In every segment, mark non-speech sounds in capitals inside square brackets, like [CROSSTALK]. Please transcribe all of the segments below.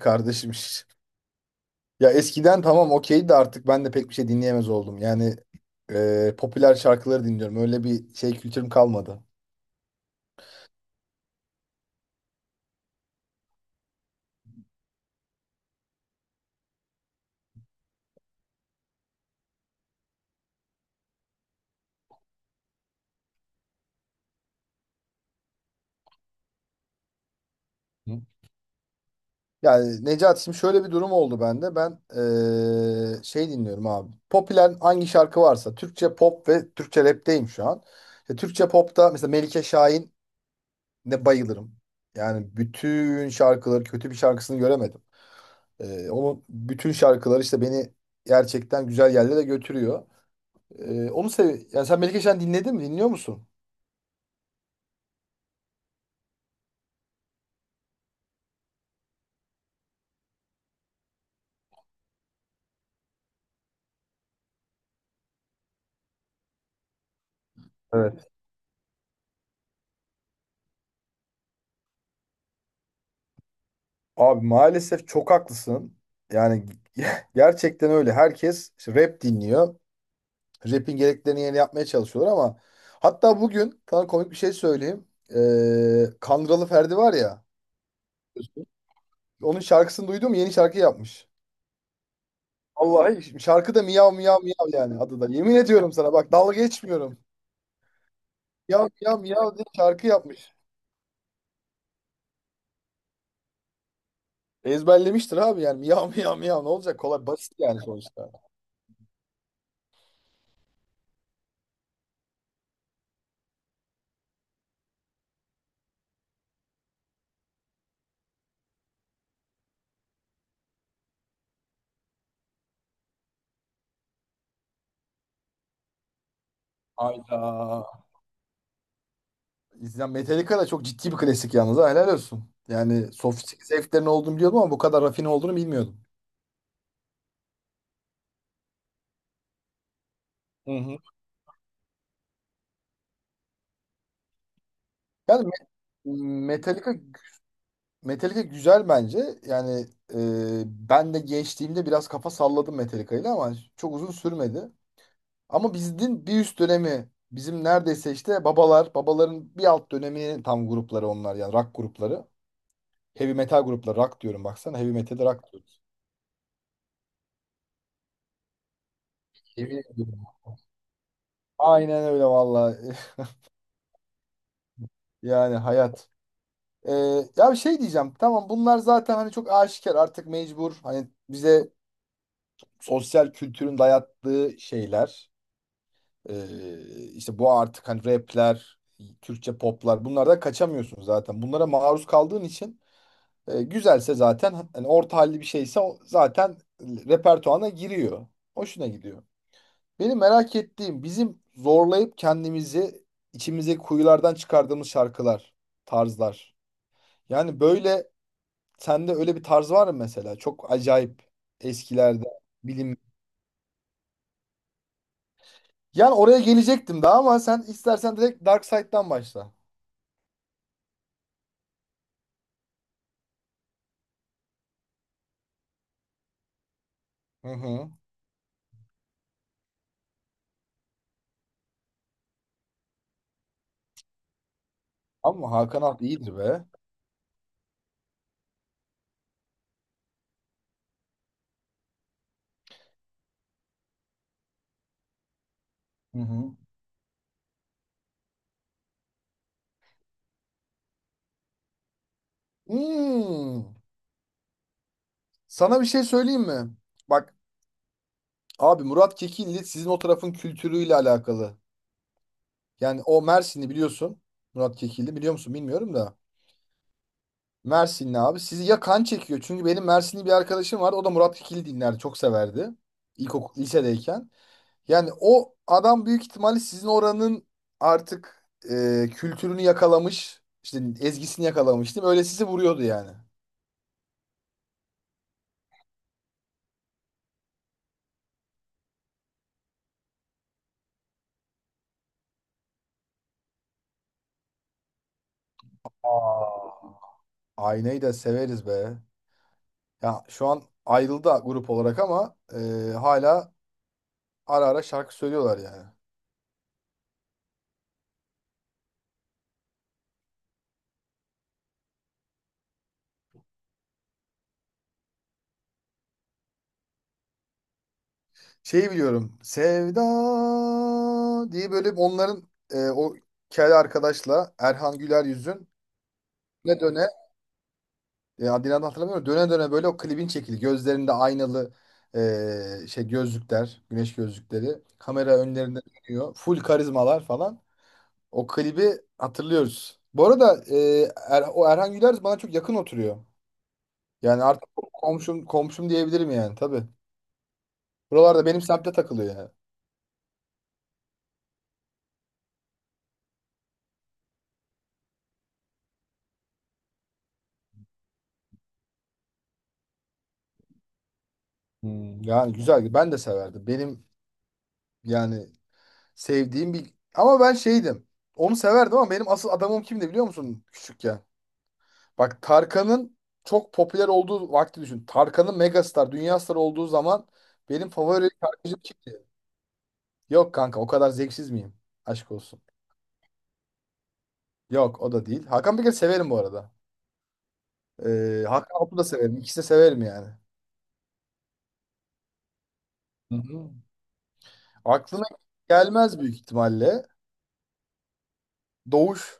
Kardeşim [LAUGHS] şş. Ya eskiden tamam okeydi de artık ben de pek bir şey dinleyemez oldum. Popüler şarkıları dinliyorum. Öyle bir şey kültürüm kalmadı. Hı. Yani Necat, şimdi şöyle bir durum oldu bende. Ben Şey dinliyorum abi. Popüler hangi şarkı varsa Türkçe pop ve Türkçe rap'teyim şu an. İşte Türkçe pop'ta mesela Melike Şahin ne bayılırım. Yani bütün şarkıları, kötü bir şarkısını göremedim. Onun bütün şarkıları işte beni gerçekten güzel yerlere götürüyor. Onu sev. Yani sen Melike Şen dinledin mi? Dinliyor musun? Evet. Abi maalesef çok haklısın. Yani [LAUGHS] gerçekten öyle. Herkes işte rap dinliyor. Rap'in gereklerini yerine yapmaya çalışıyorlar ama hatta bugün sana komik bir şey söyleyeyim. Kandıralı Ferdi var ya. Onun şarkısını duydum, yeni şarkı yapmış. Vallahi şarkı da miyav miyav miyav yani adı da. Yemin ediyorum sana, bak dalga geçmiyorum. Miyav miyav miyav diye şarkı yapmış. Ezberlemiştir abi, yani miyav miyav miyav, ne olacak, kolay basit yani sonuçta. Hayda. Ya Metallica da çok ciddi bir klasik yalnız, ha helal olsun. Yani sofistik zevklerin olduğunu biliyordum ama bu kadar rafine olduğunu bilmiyordum. Hı hı. Yani Me- Metallica, Metallica güzel bence. Yani e, Ben de gençliğimde biraz kafa salladım Metallica'yla ama çok uzun sürmedi. Ama bizim bir üst dönemi, bizim neredeyse işte babalar, babaların bir alt dönemi tam grupları onlar, yani rock grupları. Heavy metal grupları, rock diyorum baksana, heavy metal, rock diyoruz. Heavy diyorum. Aynen öyle valla. [LAUGHS] Yani hayat. Ee, Ya bir şey diyeceğim. Tamam, bunlar zaten hani çok aşikar artık, mecbur. Hani bize sosyal kültürün dayattığı şeyler. İşte bu artık, hani rapler, Türkçe poplar, bunlardan kaçamıyorsun zaten. Bunlara maruz kaldığın için, güzelse zaten, hani orta halli bir şeyse o zaten repertuana giriyor. Hoşuna gidiyor. Benim merak ettiğim, bizim zorlayıp kendimizi içimizdeki kuyulardan çıkardığımız şarkılar, tarzlar. Yani böyle sende öyle bir tarz var mı mesela? Çok acayip eskilerde bilim. Yani oraya gelecektim daha ama sen istersen direkt Dark Side'dan başla. Hı hı. Ama Hakan Alt iyidir be. Hı hı. Hmm. Sana bir şey söyleyeyim mi? Bak, abi, Murat Kekilli sizin o tarafın kültürüyle alakalı. Yani o Mersinli, biliyorsun. Murat Kekilli biliyor musun bilmiyorum da. Mersinli abi. Sizi ya kan çekiyor. Çünkü benim Mersinli bir arkadaşım var. O da Murat Kekilli dinlerdi. Çok severdi. İlkokul, lisedeyken. Yani o adam büyük ihtimalle sizin oranın artık, kültürünü yakalamış, işte ezgisini yakalamış, değil mi? Öyle sizi vuruyordu yani. Aa. Aynayı da severiz be. Ya şu an ayrıldı grup olarak ama hala ara ara şarkı söylüyorlar yani. Şeyi biliyorum. Sevda diye, böyle onların, o kel arkadaşla, Erhan Güler yüzün ne döne, adını hatırlamıyorum. Döne döne böyle o klibin çekildi. Gözlerinde aynalı, şey gözlükler, güneş gözlükleri. Kamera önlerinde dönüyor. Full karizmalar falan. O klibi hatırlıyoruz. Bu arada o Erhan Güler bana çok yakın oturuyor. Yani artık komşum komşum diyebilirim yani tabii. Buralarda, benim semtte takılıyor yani. Hmm, yani güzel. Ben de severdim. Benim yani sevdiğim bir... Ama ben şeydim. Onu severdim ama benim asıl adamım kimdi biliyor musun küçükken? Bak, Tarkan'ın çok popüler olduğu vakti düşün. Tarkan'ın megastar, dünya starı olduğu zaman benim favori şarkıcım kimdi? Yok kanka, o kadar zevksiz miyim? Aşk olsun. Yok, o da değil. Hakan Peker severim bu arada. Hakan Altun'u da severim. İkisi de severim yani. Hı hı. Aklına gelmez büyük ihtimalle. Doğuş.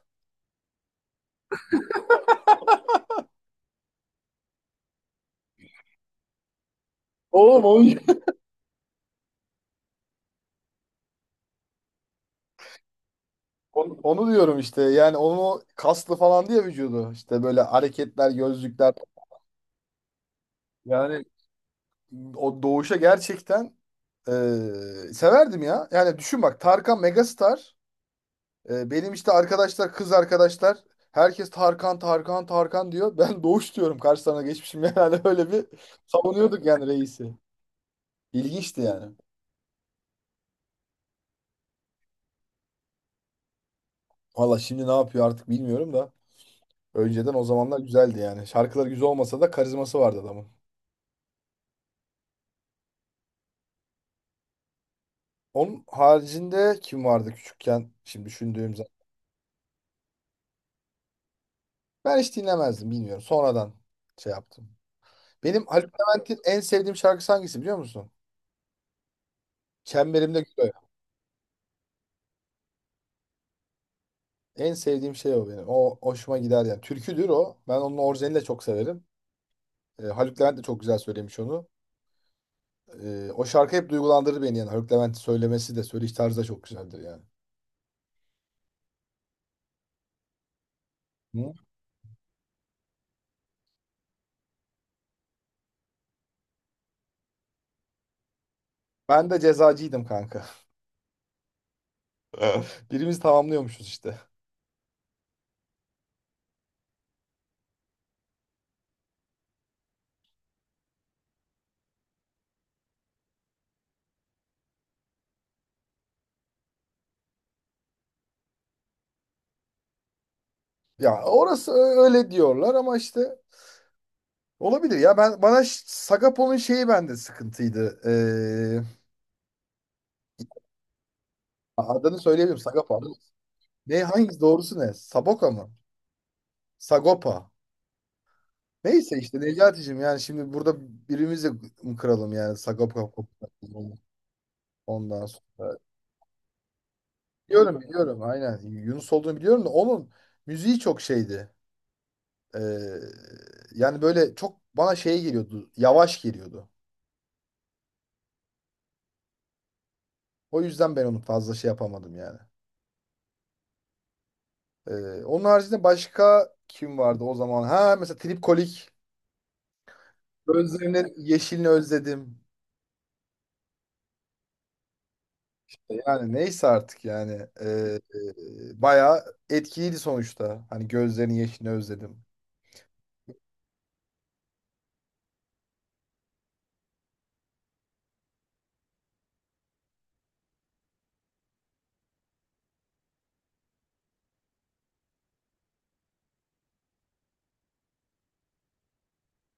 Oğlum o onu, onu diyorum işte. Yani onu kaslı falan diye, vücudu. İşte böyle hareketler, gözlükler. Yani o doğuşa gerçekten, severdim ya. Yani düşün bak, Tarkan megastar. E, benim işte arkadaşlar, kız arkadaşlar, herkes Tarkan, Tarkan, Tarkan diyor. [LAUGHS] Ben doğuş diyorum, karşılarına geçmişim. Yani [LAUGHS] öyle bir savunuyorduk yani reisi. İlginçti yani. Valla şimdi ne yapıyor artık bilmiyorum da. Önceden, o zamanlar güzeldi yani. Şarkıları güzel olmasa da karizması vardı adamın. Onun haricinde kim vardı küçükken? Şimdi düşündüğüm zaman. Ben hiç dinlemezdim, bilmiyorum. Sonradan şey yaptım. Benim Haluk Levent'in en sevdiğim şarkısı hangisi biliyor musun? Çemberimde Gül Oya. En sevdiğim şey o benim. O hoşuma gider yani. Türküdür o. Ben onun orijinalini de çok severim. Haluk Levent de çok güzel söylemiş onu. O şarkı hep duygulandırır beni yani. Haluk Levent'in söylemesi de söyleyiş tarzı da çok güzeldir yani. Hı? Ben de cezacıydım kanka. [LAUGHS] Birimiz tamamlıyormuşuz işte. Öyle diyorlar ama işte olabilir ya, ben, bana Sagapo'nun şeyi bende sıkıntıydı. Adını söyleyebilirim, Sagapo. Adı- ne, hangisi doğrusu, ne? Saboka mı? Sagopa. Neyse işte Necati'cim, yani şimdi burada birimizi mi kıralım yani Sagopa ondan sonra. Biliyorum biliyorum, aynen, Yunus olduğunu biliyorum da onun müziği çok şeydi. Ee, Yani böyle çok bana şey geliyordu, yavaş geliyordu. O yüzden ben onu fazla şey yapamadım yani. Onun haricinde başka kim vardı o zaman? Ha, mesela Trip Kolik. Gözlerinin yeşilini özledim. Yani neyse artık yani. Ee, bayağı etkiliydi sonuçta. Hani gözlerinin yeşilini özledim.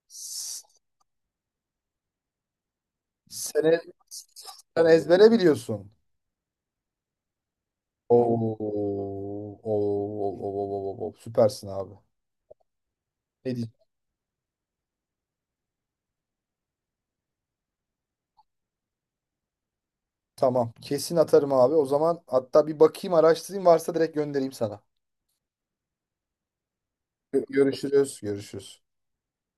S- Sene, sen ezbere biliyorsun. Oo, oo, oo, oo, oo, oo, süpersin abi. Ne diyeceğim? Tamam. Kesin atarım abi. O zaman hatta bir bakayım, araştırayım, varsa direkt göndereyim sana. Görüşürüz. Görüşürüz.